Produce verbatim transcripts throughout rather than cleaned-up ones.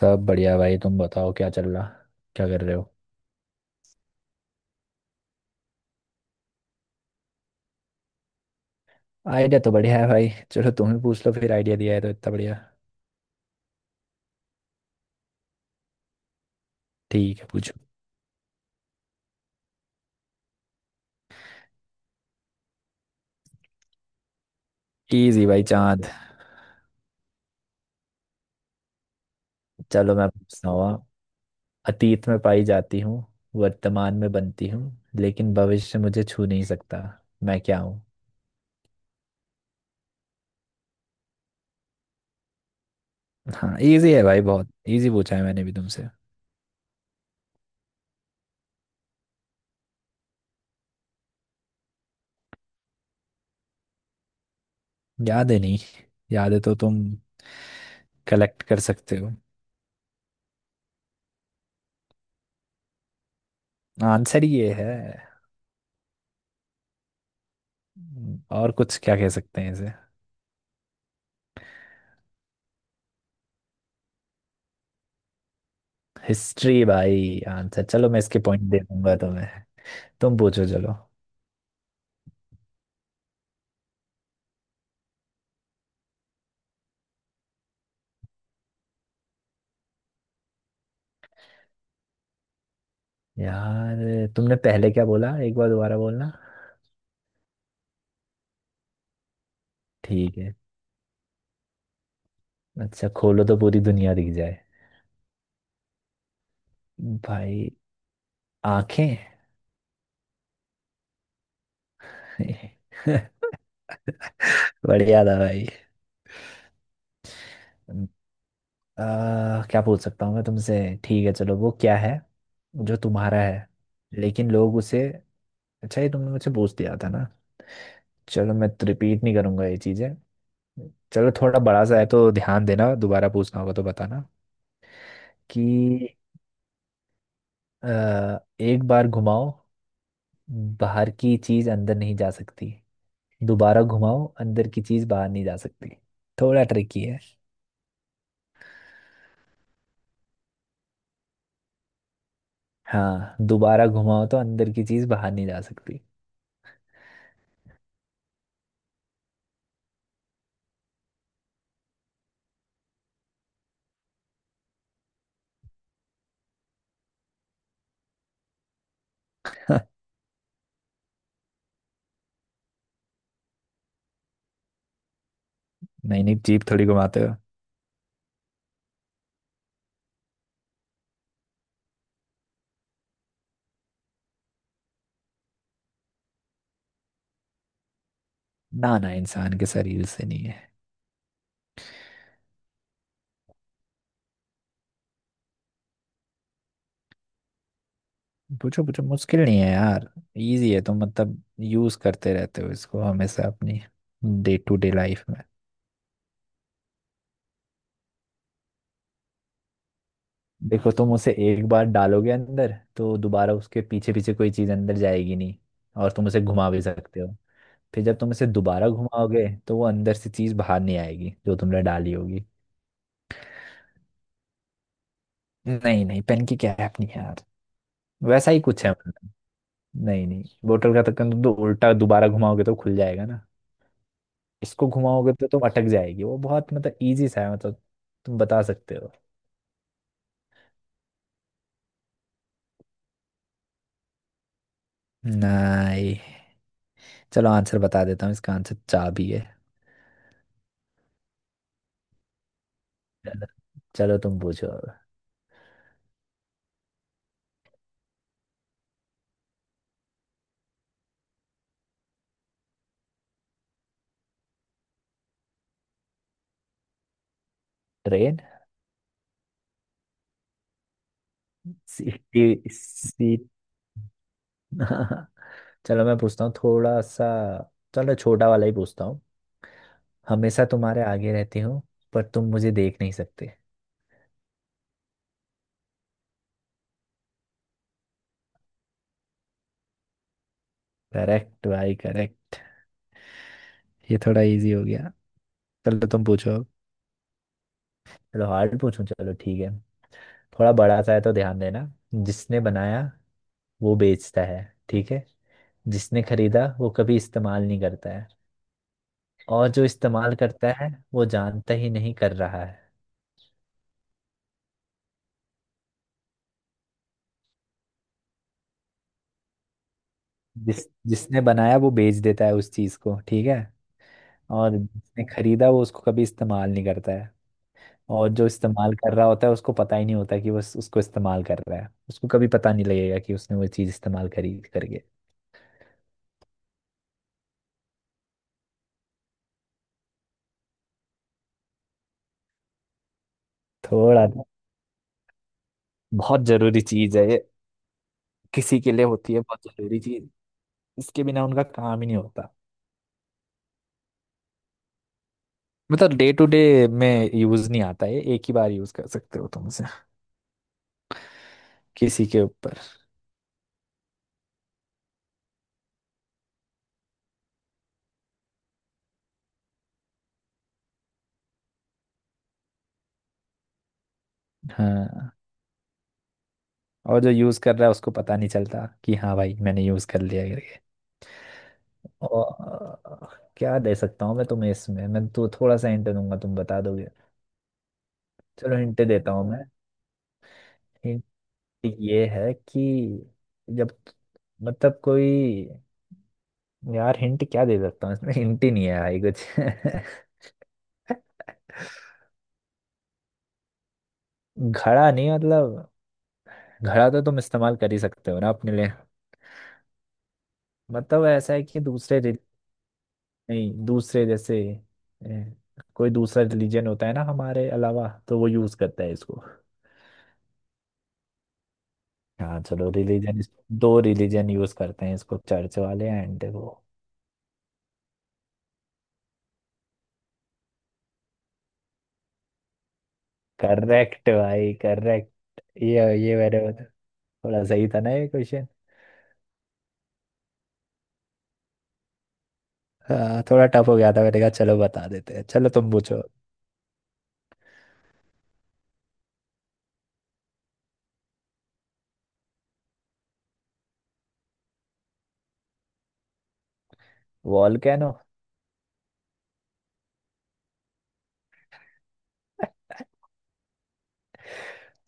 सब बढ़िया भाई। तुम बताओ क्या चल रहा, क्या कर रहे हो। आइडिया तो बढ़िया है भाई। चलो तुम ही पूछ लो फिर, आइडिया दिया है तो इतना बढ़िया। ठीक है पूछो। इजी भाई, चांद। चलो मैं पूछता हूँ अब। अतीत में पाई जाती हूँ, वर्तमान में बनती हूँ, लेकिन भविष्य मुझे छू नहीं सकता। मैं क्या हूँ? हाँ, इजी है भाई, बहुत इजी पूछा है मैंने भी तुमसे। याद है नहीं, याद है तो तुम कलेक्ट कर सकते हो। आंसर ये है। और कुछ क्या कह सकते हैं इसे? हिस्ट्री भाई आंसर। चलो मैं इसके पॉइंट दे दूंगा तुम्हें। तुम पूछो चलो। यार तुमने पहले क्या बोला, एक बार दोबारा बोलना। ठीक है। अच्छा, खोलो तो पूरी दुनिया दिख जाए। भाई, आंखें। बढ़िया था भाई। आ, क्या पूछ सकता हूँ मैं तुमसे। ठीक है चलो, वो क्या है जो तुम्हारा है, लेकिन लोग उसे। अच्छा, ये तुमने मुझसे पूछ दिया था ना। चलो मैं रिपीट नहीं करूंगा ये चीजें। चलो थोड़ा बड़ा सा है तो ध्यान देना, दोबारा पूछना होगा तो बताना कि अ, एक बार घुमाओ, बाहर की चीज अंदर नहीं जा सकती। दोबारा घुमाओ, अंदर की चीज बाहर नहीं जा सकती। थोड़ा ट्रिकी है। हाँ, दोबारा घुमाओ तो अंदर की चीज बाहर नहीं जा सकती। नहीं नहीं, जीप थोड़ी घुमाते हो। ना ना, इंसान के शरीर से नहीं है। पूछो पूछो, मुश्किल नहीं है यार। इजी है, तो मतलब यूज करते रहते हो इसको हमेशा अपनी डे टू डे लाइफ में। देखो, तुम उसे एक बार डालोगे अंदर तो दोबारा उसके पीछे पीछे कोई चीज़ अंदर जाएगी नहीं, और तुम उसे घुमा भी सकते हो। फिर जब तुम उसे दोबारा घुमाओगे तो वो अंदर से चीज़ बाहर नहीं आएगी जो तुमने डाली होगी। नहीं नहीं, पेन की क्या ऐप नहीं है यार। वैसा ही कुछ है मतलब। नहीं नहीं, बोतल का ढक्कन तुम तो उल्टा दोबारा घुमाओगे तो खुल जाएगा ना। इसको घुमाओगे तो तुम अटक जाएगी वो, बहुत मतलब इजी सा है मतलब। तुम बता सकते हो। नहीं। चलो आंसर बता देता हूँ, इसका आंसर चाबी है। चलो, चलो तुम पूछो अब। ट्रेन। सीटी सी। चलो मैं पूछता हूँ थोड़ा सा। चलो छोटा वाला ही पूछता हूँ। हमेशा तुम्हारे आगे रहती हूँ, पर तुम मुझे देख नहीं सकते। करेक्ट भाई करेक्ट। ये थोड़ा इजी हो गया। चलो तुम पूछो अब। चलो हार्ड पूछूं, चलो ठीक है। थोड़ा बड़ा सा है तो ध्यान देना। जिसने बनाया वो बेचता है, ठीक है। जिसने खरीदा वो कभी इस्तेमाल नहीं करता है, और जो इस्तेमाल करता है वो जानता ही नहीं कर रहा है। जिस जिसने बनाया वो बेच देता है उस चीज को, ठीक है। और जिसने खरीदा वो उसको कभी इस्तेमाल नहीं करता है। और जो इस्तेमाल कर रहा होता है उसको पता ही नहीं होता कि वो उस- उसको इस्तेमाल कर रहा है। उसको कभी पता नहीं लगेगा कि उसने वो चीज इस्तेमाल खरीद करके। थोड़ा बहुत जरूरी चीज है ये, किसी के लिए होती है बहुत जरूरी चीज। इसके बिना उनका काम ही नहीं होता। मतलब डे टू डे में यूज नहीं आता है। एक ही बार यूज कर सकते हो तुम उसे किसी के ऊपर। हाँ, और जो यूज कर रहा है उसको पता नहीं चलता कि हाँ भाई मैंने यूज कर लिया करके। और क्या दे सकता हूँ मैं तुम्हें इसमें, मैं तो थोड़ा सा हिंट दूंगा तुम बता दोगे। चलो हिंट देता हूँ मैं। हिंट ये है कि जब, मतलब कोई, यार हिंट क्या दे सकता हूँ इसमें, हिंट ही नहीं है भाई कुछ। घड़ा नहीं, मतलब घड़ा तो तुम इस्तेमाल कर ही सकते हो ना अपने लिए। मतलब ऐसा है कि दूसरे रि- नहीं, दूसरे जैसे ए, कोई दूसरा रिलीजन होता है ना हमारे अलावा, तो वो यूज करता है इसको। हाँ, चलो रिलीजन। दो रिलीजन यूज करते हैं इसको, चर्च वाले एंड वो। करेक्ट भाई करेक्ट। ये ये मेरे को थोड़ा सही था ना ये क्वेश्चन। हाँ थोड़ा टफ हो गया था, मैंने कहा चलो बता देते हैं। चलो तुम पूछो। वॉल्केनो।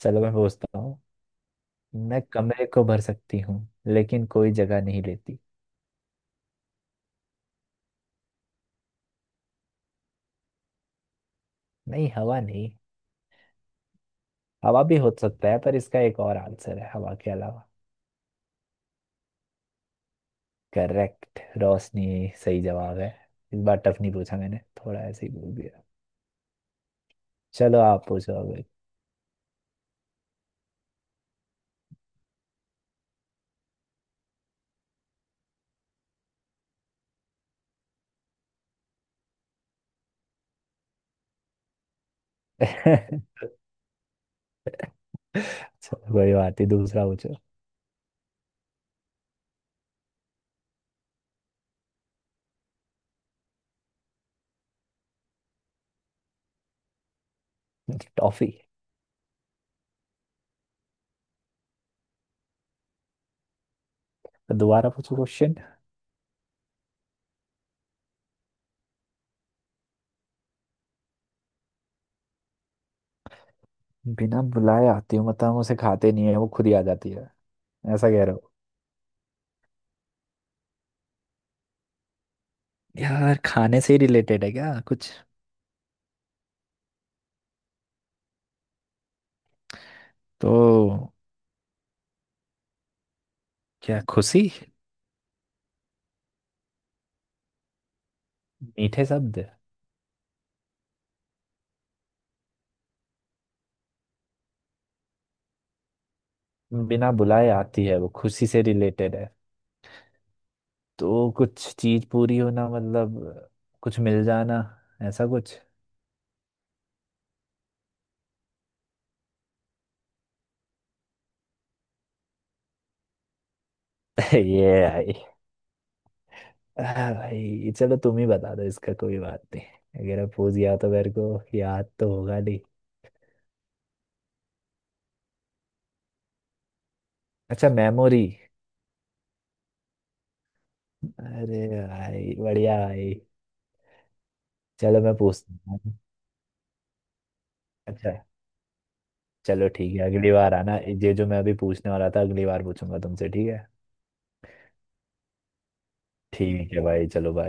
चलो मैं पूछता हूँ। मैं कमरे को भर सकती हूँ, लेकिन कोई जगह नहीं लेती। नहीं, हवा नहीं। हवा भी हो सकता है, पर इसका एक और आंसर है हवा के अलावा। करेक्ट, रोशनी सही जवाब है। इस बार टफ नहीं पूछा मैंने, थोड़ा ऐसे ही बोल दिया। चलो आप पूछो अब। अच्छा, कोई बात नहीं, दूसरा पूछो। टॉफी। दोबारा पूछो क्वेश्चन। बिना बुलाए आती हूँ मतलब हम उसे खाते नहीं है, वो खुद ही आ जाती है, ऐसा कह रहे हो। यार, खाने से ही रिलेटेड है क्या कुछ? तो? क्या, खुशी? मीठे शब्द? बिना बुलाए आती है, वो खुशी से रिलेटेड है, तो कुछ चीज पूरी होना मतलब कुछ मिल जाना, ऐसा कुछ। ये है। हाँ भाई, चलो तुम ही बता दो इसका, कोई बात नहीं। अगर अब पूछ गया तो मेरे को याद तो होगा नहीं। अच्छा, मेमोरी। अरे भाई बढ़िया भाई। चलो मैं पूछता हूँ। अच्छा। चलो ठीक है, अगली बार आना। ये जो मैं अभी पूछने वाला था अगली बार पूछूंगा तुमसे, ठीक है। ठीक है भाई, चलो भाई।